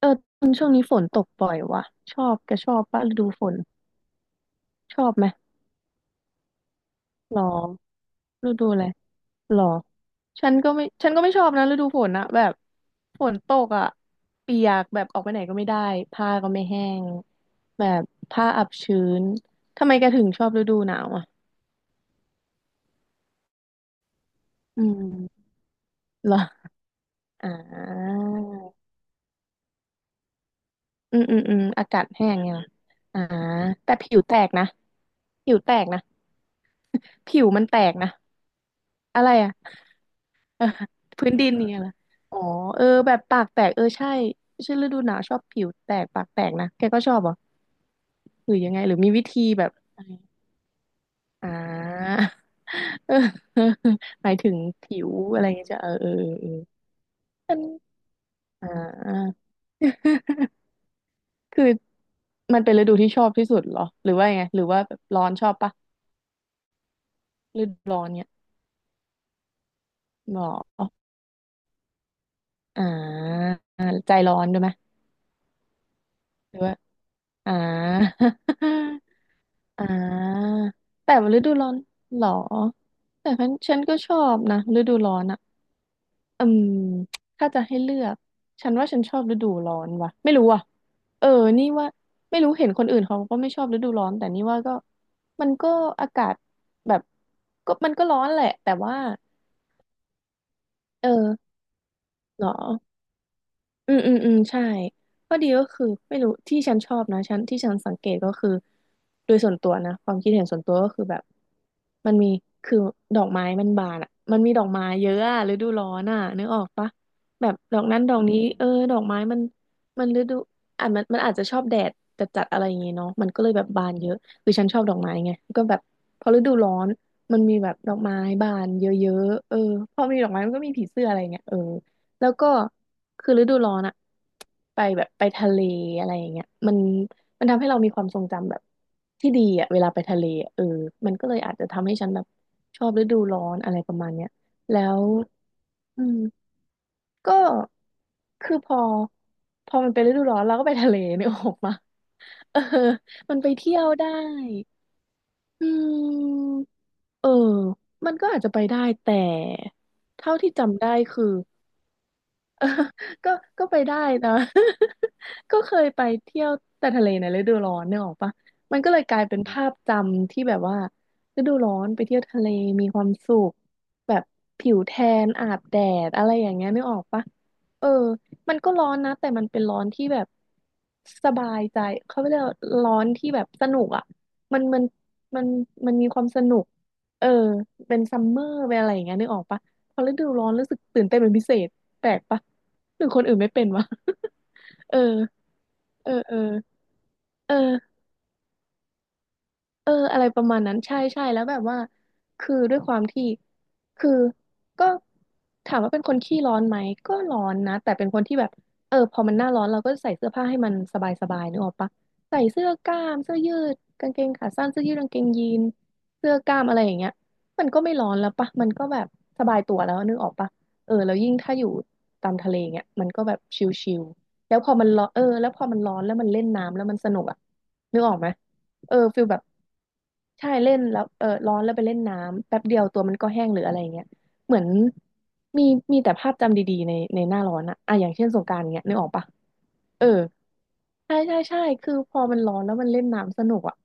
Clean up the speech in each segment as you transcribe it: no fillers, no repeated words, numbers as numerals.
เออช่วงนี้ฝนตกบ่อยว่ะชอบแกชอบปะฤดูฝนชอบไหมหรอฤดูอะไรหรอฉันก็ไม่ชอบนะฤดูฝนนะแบบฝนตกอ่ะเปียกแบบออกไปไหนก็ไม่ได้ผ้าก็ไม่แห้งแบบผ้าอับชื้นทำไมแกถึงชอบฤดูหนาวอ่ะอืมเหรออ่าอืมอากาศแห้งไงล่ะอ่าแต่ผิวแตกนะผิวแตกนะผิวมันแตกนะอะไรอ่ะ เออพื้นดินเนี่ยเหรออ๋อเออแบบปากแตกเออใช่ใช่ฤดูหนาวชอบผิวแตกปากแตกนะแกก็ชอบเหรอหรือยังไงหรือมีวิธีแบบอะไรอ่า เออหมายถึงผิวอะไรเงี้ยจะเออเออเออเออมันอ่า คือมันเป็นฤดูที่ชอบที่สุดเหรอหรือว่ายังไงหรือว่าแบบร้อนชอบปะฤดูร้อนเนี่ยหรออ่าใจร้อนด้วยไหมหรือว่าอ่า อ่าแต่ว่าฤดูร้อนเหรอแต่ฉันก็ชอบนะฤดูร้อนอ่ะอืมถ้าจะให้เลือกฉันว่าฉันชอบฤดูร้อนว่ะไม่รู้อ่ะเออนี่ว่าไม่รู้เห็นคนอื่นเขาก็ไม่ชอบฤดูร้อนแต่นี่ว่าก็มันก็อากาศแบบก็ร้อนแหละแต่ว่าเออเหรอ อืมใช่ข้อดีก็คือไม่รู้ที่ฉันชอบนะฉันที่ฉันสังเกตก็คือโดยส่วนตัวนะความคิดเห็นส่วนตัวก็คือแบบมันมีคือดอกไม้มันบานอ่ะมันมีดอกไม้เยอะอะฤดูร้อนอ่ะนึกออกปะแบบดอกนั้นดอกนี้เออดอกไม้มันฤดูอ่ะมันอาจจะชอบแดดจัดจัดอะไรอย่างงี้เนาะมันก็เลยแบบบานเยอะคือฉันชอบดอกไม้ไงก็แบบพอฤดูร้อนมันมีแบบดอกไม้บานเยอะๆเออพอมีดอกไม้มันก็มีผีเสื้ออะไรเงี้ยเออ แล้วก็คือฤดูร้อนอะไปแบบไปทะเลอะไรอย่างเงี้ยมันทำให้เรามีความทรงจำแบบที่ดีอะเวลาไปทะเลอะเออมันก็เลยอาจจะทำให้ฉันแบบชอบฤดูร้อนอะไรประมาณเนี้ยแล้วอืมก็คือพอมันเป็นฤดูร้อนเราก็ไปทะเลนึกออกมาเออมันไปเที่ยวได้อืมเออมันก็อาจจะไปได้แต่เท่าที่จำได้คือ เออก็ก็ไปได้นะ ก็เคยไปเที่ยวแต่ทะเลในฤดูร้อนเนี่ยออกปะมันก็เลยกลายเป็นภาพจำที่แบบว่าฤดูร้อนไปเที่ยวทะเลมีความสุขแบบผิวแทนอาบแดดอะไรอย่างเงี้ยนึกออกปะเออมันก็ร้อนนะแต่มันเป็นร้อนที่แบบสบายใจเขาเรียกว่าร้อนที่แบบสนุกอ่ะมันมันมันมันมีความสนุกเออเป็นซัมเมอร์เป็นอะไรอย่างเงี้ยนึกออกปะพอฤดูร้อนรู้สึกตื่นเต้นเป็นพิเศษแปลกปะ หรือคนอื่นไม่เป็นวะ เออ เออ เออเออ เอออะไรประมาณนั้นใช่ใช่แล้วแบบว่าคือด้วยความที่คือก็ถามว่าเป็นคนขี้ร้อนไหมก็ร้อนนะแต่เป็นคนที่แบบเออพอมันหน้าร้อนเราก็ใส่เสื้อผ้าให้มันสบายสบายนึกออกปะใส่เสื้อกล้ามเสื้อยืดกางเกงขาสั้นเสื้อยืดกางเกงยีนเสื้อกล้ามอะไรอย่างเงี้ยมันก็ไม่ร้อนแล้วปะมันก็แบบสบายตัวแล้วนึกออกปะเออแล้วยิ่งถ้าอยู่ตามทะเลเงี้ยมันก็แบบชิลๆแล้วพอมันร้อนเออแล้วพอมันร้อนแล้วมันเล่นน้ำแล้วมันสนุกอะนึกออกไหมเออฟิลแบบ ใช่เล่นแล้วเออร้อนแล้วไปเล่นน้ำแป๊บเดียวตัวมันก็แห้งหรืออะไรเงี้ยเหมือนมีมีแต่ภาพจำดีๆในหน้าร้อนอะอ่ะอย่างเช่นสงกรานต์เงี้ยนึกออกปะเออ ใช่ใช่ใช่คือพอมันร้อนแล้วมันเล่นน้ำสนุกอ่ะ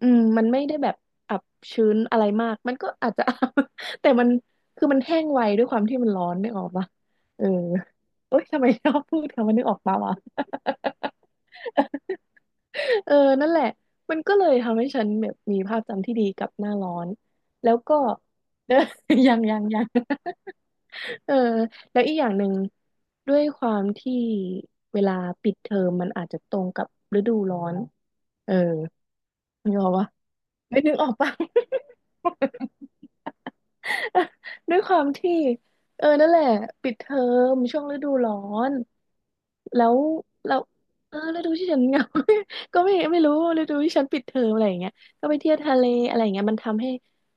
อืมมันไม่ได้แบบอับชื้นอะไรมากมันก็อาจจะ แต่มันคือมันแห้งไวด้วยความที่มันร้อนนึกออกปะเออเอ้ยทำไมชอบพูดคำว่านึกออกปะวะ เออนั่นแหละมันก็เลยทำให้ฉันแบบมีภาพจำที่ดีกับหน้าร้อนแล้วก็ ยัง เออแล้วอีกอย่างหนึ่งด้วยความที่เวลาปิดเทอมมันอาจจะตรงกับฤดูร้อนเออนึกออกปะไม่นึกออกปะ ด้วยความที่เออนั่นแหละปิดเทอมช่วงฤดูร้อนแล้วเราวเออฤดูที่ฉันเหงา ก็ไม่รู้ฤดูที่ฉันปิดเทอมอะไรอย่างเงี้ยก็ไปเที่ยวทะเลอะไรอย่างเงี้ยมันทำให้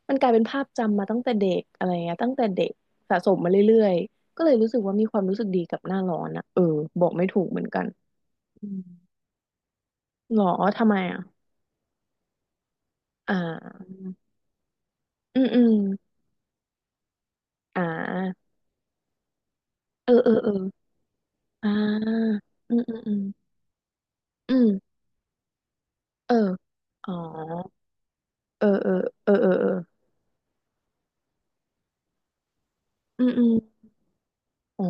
มันกลายเป็นภาพจำมาตั้งแต่เด็กอะไรเงี้ยตั้งแต่เด็กสะสมมาเรื่อยๆก็เลยรู้สึกว่ามีความรู้สึกดีกับหน้าร้อนอะเออบอกไม่ถูกเหมือนกันอืมหรอทำไมอะอ่าอืมอืมอ่าเออเออเอออ่าอืมอืมอืมอืม เอออ๋อเออเออเออเออเอออืมอืมอ๋อ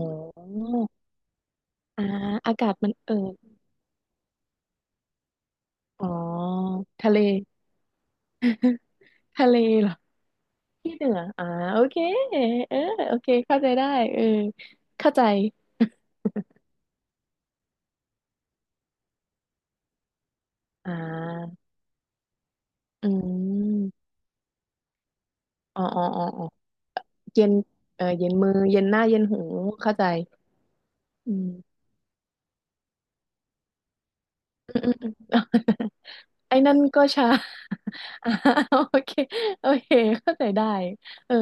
อ่าอากาศมันอ๋อทะเล ทะเลเหรอที่เหนืออ่าโอเคเออโอเค เข้าใจได้เออเข้าใจอ่าอืมอ๋ออ๋ออ๋ออ๋อเย็นเออเย็นมือ เย็นหน้าเย็นหู เข้าใจอืมอืมอืมอืม ไอ้นั่นก็ชา อ่าโอเคโอเคเข้าใจได้เออ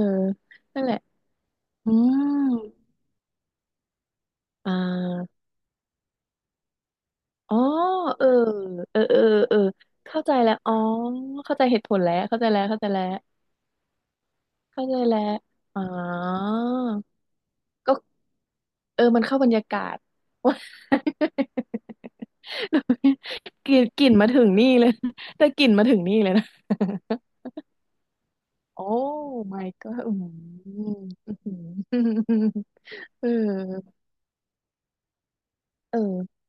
นั่นแหละ อืมอ่าอ๋อเออเออเออเออเข้าใจแล้วอ๋อเข้าใจเหตุผลแล้ว เข้าใจแล้ว เข้าใจแล้วเข้าใจแล้วอ๋อก็เออ มันเข้าบรรยากาศ กลิ่นกลิ่นมาถึงนี่เลย แต่กลิ่นมาถึงนี่เลยนะ โอ้ my god อืมอื้อหือ เออเออ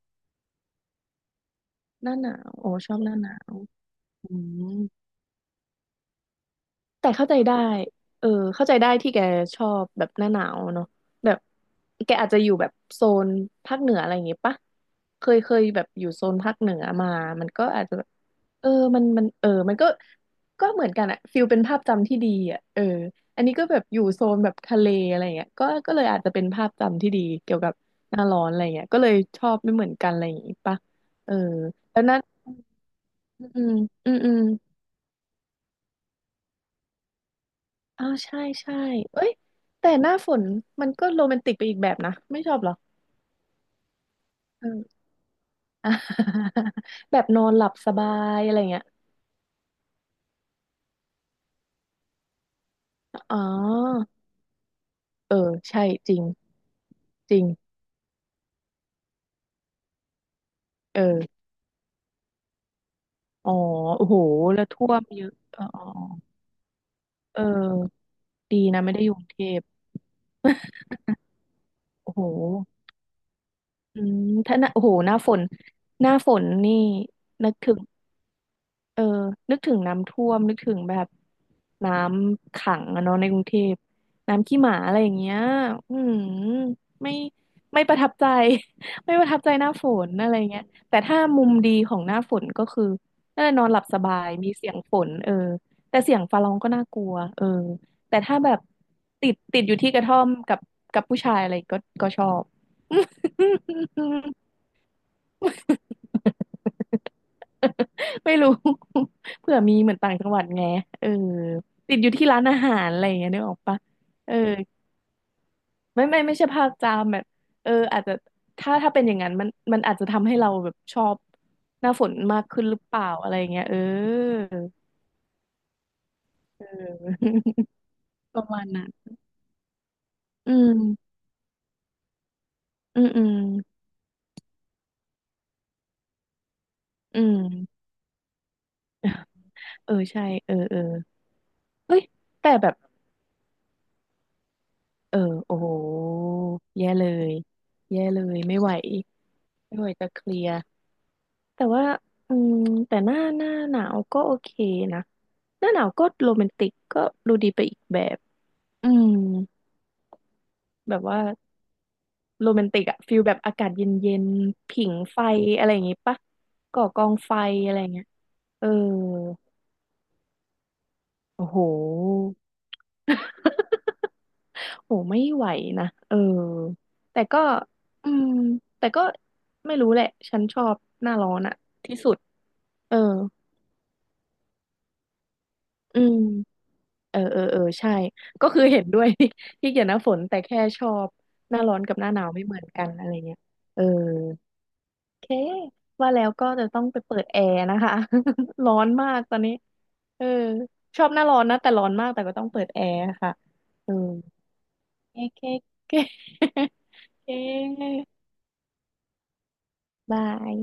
หน้าหนาวโอ้ชอบหน้าหนาวอืม แต่เข้าใจได้เออเข้าใจได้ที่แกชอบแบบหน้าหนาวเนาะแบบแกอาจจะอยู่แบบโซนภาคเหนืออะไรอย่างงี้ปะเคยเคยแบบอยู่โซนภาคเหนือมามันก็อาจจะแบบเออมันมันก็ก็เหมือนกันอะฟิลเป็นภาพจำที่ดีอะเอออันนี้ก็แบบอยู่โซนแบบทะเลอะไรอย่างเงี้ยก็ก็เลยอาจจะเป็นภาพจำที่ดีเกี่ยวกับหน้าร้อนอะไรอย่างเงี้ยก็เลยชอบไม่เหมือนกันอะไรอย่างงี้ปะเออแล้วนั้นอืมอืมอืม อ้าวใช่ใช่เอ้ยแต่หน้าฝนมันก็โรแมนติกไปอีกแบบนะไม่ชอบเหรอเอออ่ะ แบบนอนหลับสบายอะไรเงี้ยอ๋อเออใช่จริงจริงเอออ๋อโอ้โหแล้วท่วมเยอะอ๋ออ๋ออ๋อเออดีนะไม่ได้อยู่กรุงเทพ โอ้โหอืมถ้าหน้าโอ้โหหน้าฝนหน้าฝนนี่นึกถึง เออนึกถึงน้ำท่วมนึกถึงแบบน้ำขังอะเนาะในกรุงเทพน้ำขี้หมาอะไรอย่างเงี้ยอืมไม่ไม่ประทับใจ ไม่ประทับใจหน้าฝนอะไรเงี้ยแต่ถ้ามุมดีของหน้าฝนก็คือเออนอนหลับสบายมีเสียงฝนเออแต่เสียงฟ้าร้องก็น่ากลัวเออแต่ถ้าแบบติดอยู่ที่กระท่อมกับกับผู้ชายอะไรก็ก็ชอบ ไม่รู้ เผื่อมีเหมือนต่างจังหวัดไงเออติดอยู่ที่ร้านอาหารอะไรอย่างเงี้ยนึกออกปะเออไม่ไม่ใช่ภาคจามแบบเอออาจจะถ้าเป็นอย่างนั้นมันมันอาจจะทำให้เราแบบชอบหน้าฝนมากขึ้นหรือเปล่าอะไรอย่างเงี้ยเออเออ ประมาณนั้นอืมอืมอืมอืม เออใช่เออเออเฮ้ยแต่แบบเออโอ้โหแย่เลยแย่เลยไม่ไหวไม่ไหวจะเคลียร์ แต่ว่าอืมแต่หน้าหนาวก็โอเคนะหน้าหนาวก็โรแมนติกก็ดูดีไปอีกแบบอืมแบบว่าโรแมนติกอะฟิลแบบอากาศเย็นๆผิงไฟอะไรอย่างงี้ปะก่อกองไฟอะไรเงี้ยเออโอ้โห โหไม่ไหวนะเออแต่ก็อืมแต่ก็ไม่รู้แหละฉันชอบหน้าร้อนอะที่สุดเอออืม เออเออเออใช่ก็คือเห็นด้วย ที่เกี่ยวหน้าฝนแต่แค่ชอบหน้าร้อนกับหน้าหนาวไม่เหมือนกันอะไรเงี้ยเออโอเคว่าแล้วก็จะต้องไปเปิดแอร์นะคะ ร้อนมากตอนนี้เออชอบหน้าร้อนนะแต่ร้อนมากแต่ก็ต้องเปิดแอร์ค่ะเออโอเคโอเค โอเคโอเคบาย